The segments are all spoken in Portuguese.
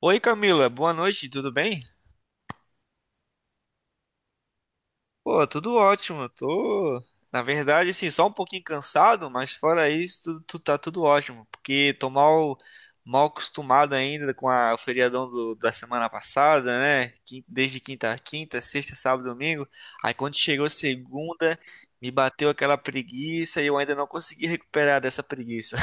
Oi, Camila, boa noite, tudo bem? Pô, tudo ótimo, na verdade, assim, só um pouquinho cansado, mas fora isso, tá tudo ótimo, porque tô mal acostumado ainda com o feriadão da semana passada, né? Desde quinta sexta, sábado, domingo, aí quando chegou segunda, me bateu aquela preguiça e eu ainda não consegui recuperar dessa preguiça.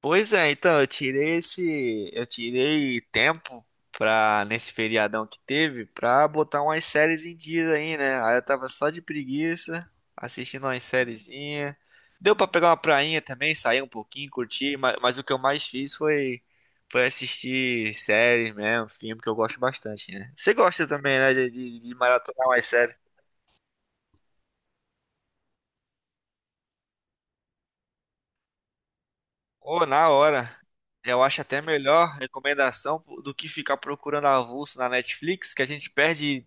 Pois é, então eu tirei eu tirei tempo pra nesse feriadão que teve pra botar umas séries em dia aí, né? Aí eu tava só de preguiça, assistindo umas sériezinha. Deu pra pegar uma prainha também, sair um pouquinho, curtir, mas, o que eu mais fiz foi assistir séries mesmo, filme que eu gosto bastante, né? Você gosta também, né, de maratonar umas séries? Ou na hora. Eu acho até melhor recomendação do que ficar procurando avulso na Netflix, que a gente perde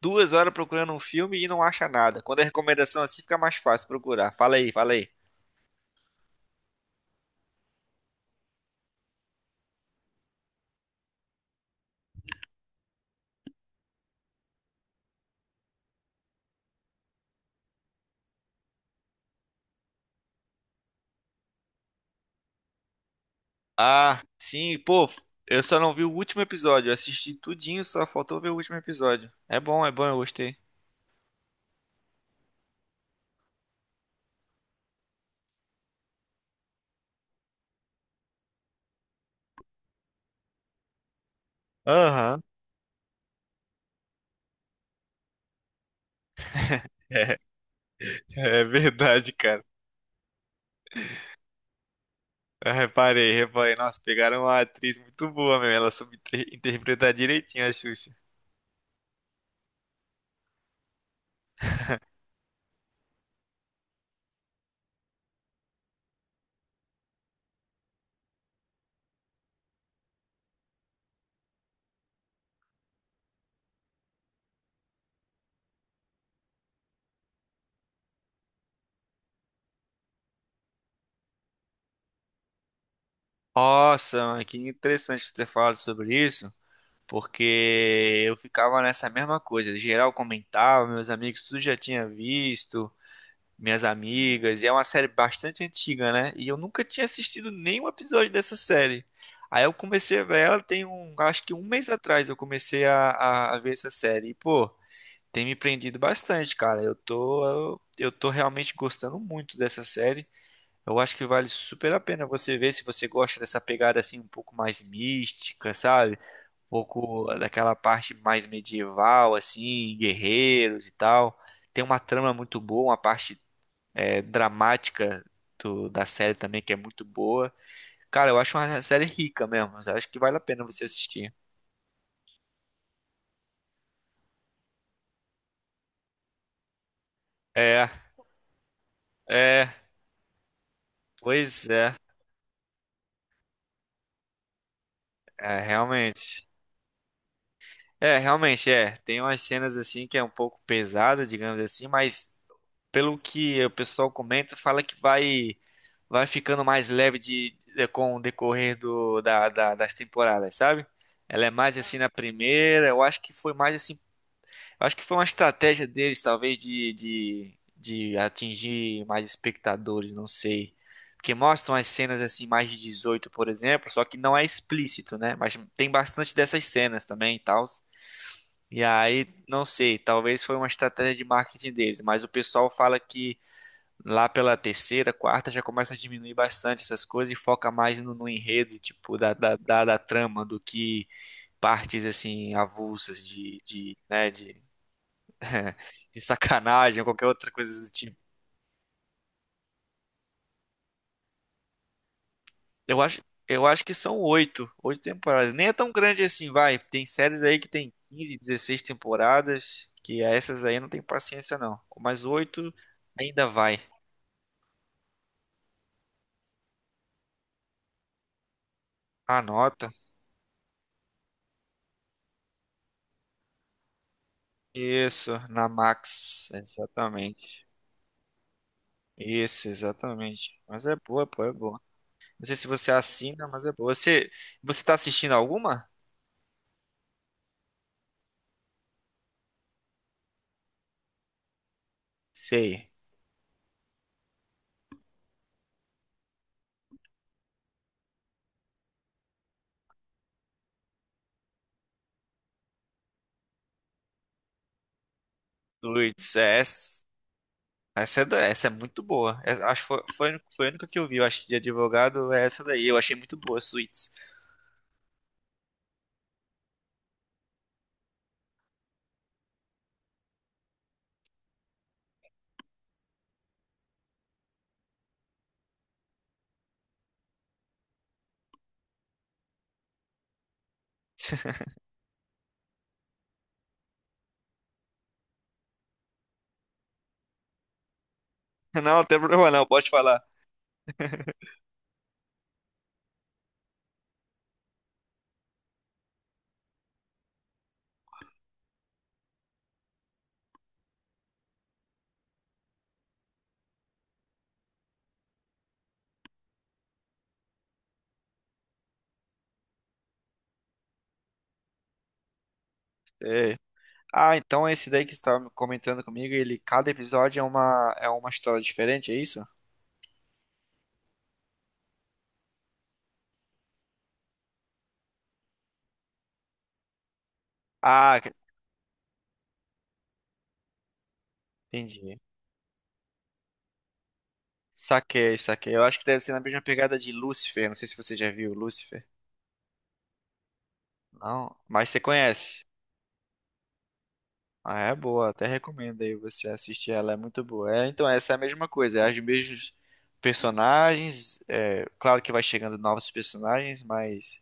2 horas procurando um filme e não acha nada. Quando é recomendação assim, fica mais fácil procurar. Fala aí, fala aí. Ah, sim, pô, eu só não vi o último episódio. Eu assisti tudinho, só faltou ver o último episódio. É bom, eu gostei. Aham. É, é verdade, cara. Eu reparei, reparei. Nossa, pegaram uma atriz muito boa, meu. Ela soube interpretar direitinho a Xuxa. Nossa, mano, que interessante você ter falado sobre isso, porque eu ficava nessa mesma coisa. Geral comentava, meus amigos tudo já tinha visto, minhas amigas, e é uma série bastante antiga, né? E eu nunca tinha assistido nenhum episódio dessa série. Aí eu comecei a ver acho que um mês atrás eu comecei a ver essa série. E, pô, tem me prendido bastante, cara. Eu tô realmente gostando muito dessa série. Eu acho que vale super a pena você ver se você gosta dessa pegada assim um pouco mais mística, sabe? Um pouco daquela parte mais medieval, assim, guerreiros e tal. Tem uma trama muito boa, uma parte dramática da série também que é muito boa. Cara, eu acho uma série rica mesmo. Eu acho que vale a pena você assistir. É, é, Pois é, é realmente. É, realmente, é. Tem umas cenas assim que é um pouco pesada, digamos assim, mas pelo que o pessoal comenta, fala que vai ficando mais leve com o decorrer das temporadas, sabe? Ela é mais assim na primeira, eu acho que foi mais assim, eu acho que foi uma estratégia deles, talvez, de atingir mais espectadores, não sei. Porque mostram as cenas assim, mais de 18, por exemplo, só que não é explícito, né? Mas tem bastante dessas cenas também e tal. E aí, não sei, talvez foi uma estratégia de marketing deles, mas o pessoal fala lá pela terceira, quarta, já começa a diminuir bastante essas coisas e foca mais no enredo, tipo, da trama, do que partes, assim, avulsas, né, de sacanagem ou qualquer outra coisa do tipo. Eu acho, eu acho que são oito temporadas. Nem é tão grande assim, vai. Tem séries aí que tem 15, 16 temporadas, que essas aí não tem paciência, não. Mas oito ainda vai. Anota. Isso, na Max, exatamente. Isso, exatamente. Mas é boa, pô, é boa. Não sei se você assina, mas é boa. Você tá assistindo alguma? Sei. Luiz, é essa é muito boa. Acho que foi a única que eu vi, eu acho, de advogado, é essa daí. Eu achei muito boa, Suits. Não, não tem problema não, pode falar. É. Ah, então é esse daí que você estava comentando comigo, ele, cada episódio é uma história diferente, é isso? Ah, entendi. Saquei, saquei. Eu acho que deve ser na mesma pegada de Lucifer. Não sei se você já viu Lucifer. Não, mas você conhece. Ah, é boa. Até recomendo aí você assistir ela. É muito boa. É, então, essa é a mesma coisa. É os mesmos personagens. É, claro que vai chegando novos personagens, mas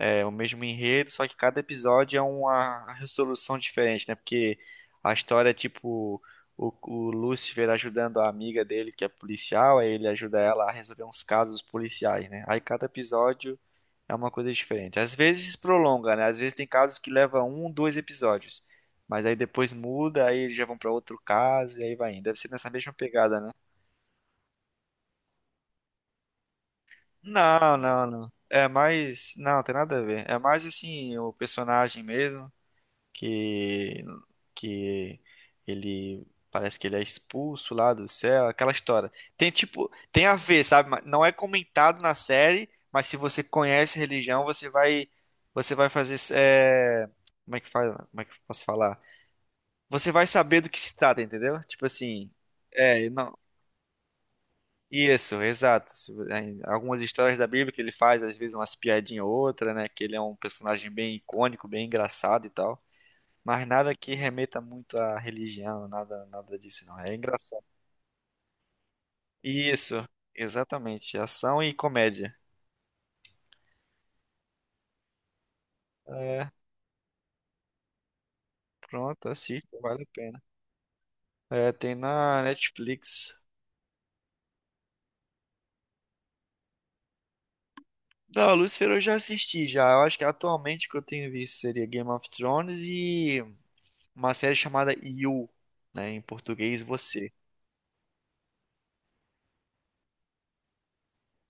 é o mesmo enredo, só que cada episódio é uma resolução diferente, né? Porque a história é tipo o Lucifer ajudando a amiga dele, que é policial, aí ele ajuda ela a resolver uns casos policiais, né? Aí cada episódio é uma coisa diferente. Às vezes prolonga, né? Às vezes tem casos que leva um, dois episódios. Mas aí depois muda, aí eles já vão pra outro caso e aí vai indo. Deve ser nessa mesma pegada, né? Não, não, não. É mais. Não, tem nada a ver. É mais assim, o personagem mesmo, que que ele parece que ele é expulso lá do céu, aquela história. Tem tipo, tem a ver, sabe? Mas não é comentado na série, mas se você conhece religião, você vai fazer como é que faz, como é que eu posso falar? Você vai saber do que se trata, entendeu? Tipo assim, não. Isso, exato. Se vo- em algumas histórias da Bíblia que ele faz, às vezes umas piadinha ou outra, né? Que ele é um personagem bem icônico, bem engraçado e tal. Mas nada que remeta muito à religião, nada, nada disso, não. É engraçado. Isso, exatamente. Ação e comédia. Pronto, assista, vale a pena. É, tem na Netflix. Da Lucifer eu já assisti já. Eu acho que atualmente o que eu tenho visto seria Game of Thrones e uma série chamada You, né, em português Você.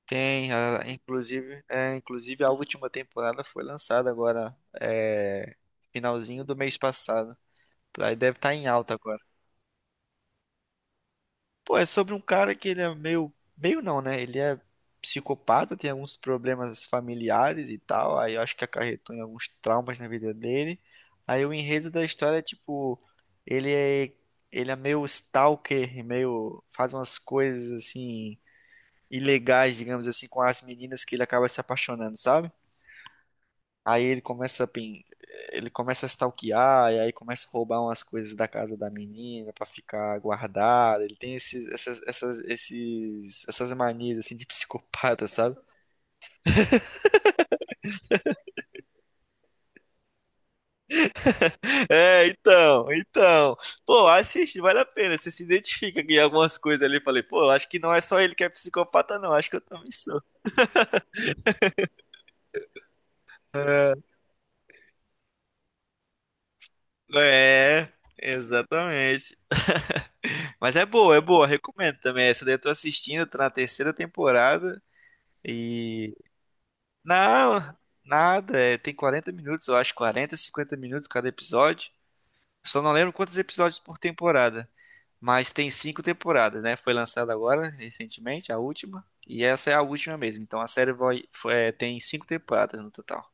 Tem, ah, inclusive, a última temporada foi lançada agora, finalzinho do mês passado. Aí deve estar em alta agora. Pô, é sobre um cara que ele é meio. Meio não, né? Ele é psicopata, tem alguns problemas familiares e tal. Aí eu acho que acarretou em alguns traumas na vida dele. Aí o enredo da história é tipo. Ele é. Ele é meio stalker, e meio. Faz umas coisas assim. Ilegais, digamos assim, com as meninas que ele acaba se apaixonando, sabe? Aí ele começa a stalkear, e aí começa a roubar umas coisas da casa da menina pra ficar guardada. Ele tem esses, essas, essas, esses, essas manias assim de psicopata, sabe? É, então. Pô, assiste, vale a pena. Você se identifica com algumas coisas ali. Eu falei, pô, eu acho que não é só ele que é psicopata, não. Acho que eu também sou. É, é, Exatamente. Mas é boa, recomendo também. Essa daí eu tô assistindo, tô na terceira temporada. Não, nada. Tem 40 minutos, eu acho, 40, 50 minutos cada episódio. Só não lembro quantos episódios por temporada. Mas tem cinco temporadas, né? Foi lançada agora, recentemente, a última. E essa é a última mesmo. Então a série tem cinco temporadas no total.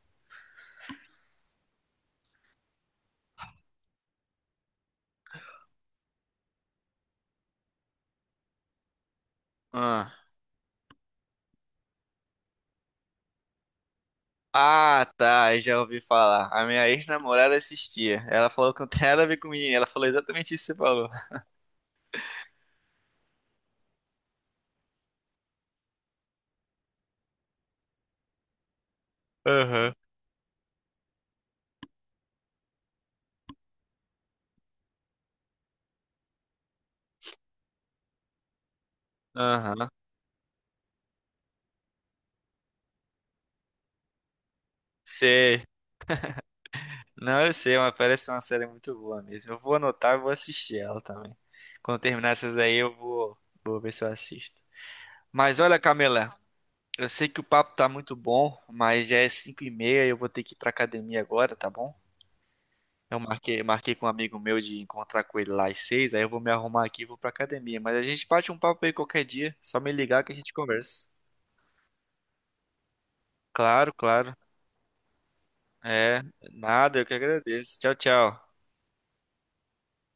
Ah. Ah, tá, eu já ouvi falar. A minha ex-namorada assistia. Ela falou que não tem nada a ver com mim. Ela falou exatamente isso que você falou. Aham. Aham. Sei. Não, eu sei, mas parece uma série muito boa mesmo. Eu vou anotar e vou assistir ela também. Quando terminar essas aí, eu vou ver se eu assisto. Mas olha, Camila, eu sei que o papo tá muito bom, mas já é 5h30 e eu vou ter que ir pra academia agora, tá bom? Eu marquei com um amigo meu de encontrar com ele lá às 6h, aí eu vou me arrumar aqui e vou pra academia. Mas a gente bate um papo aí qualquer dia, só me ligar que a gente conversa. Claro, claro. É, nada, eu que agradeço. Tchau, tchau.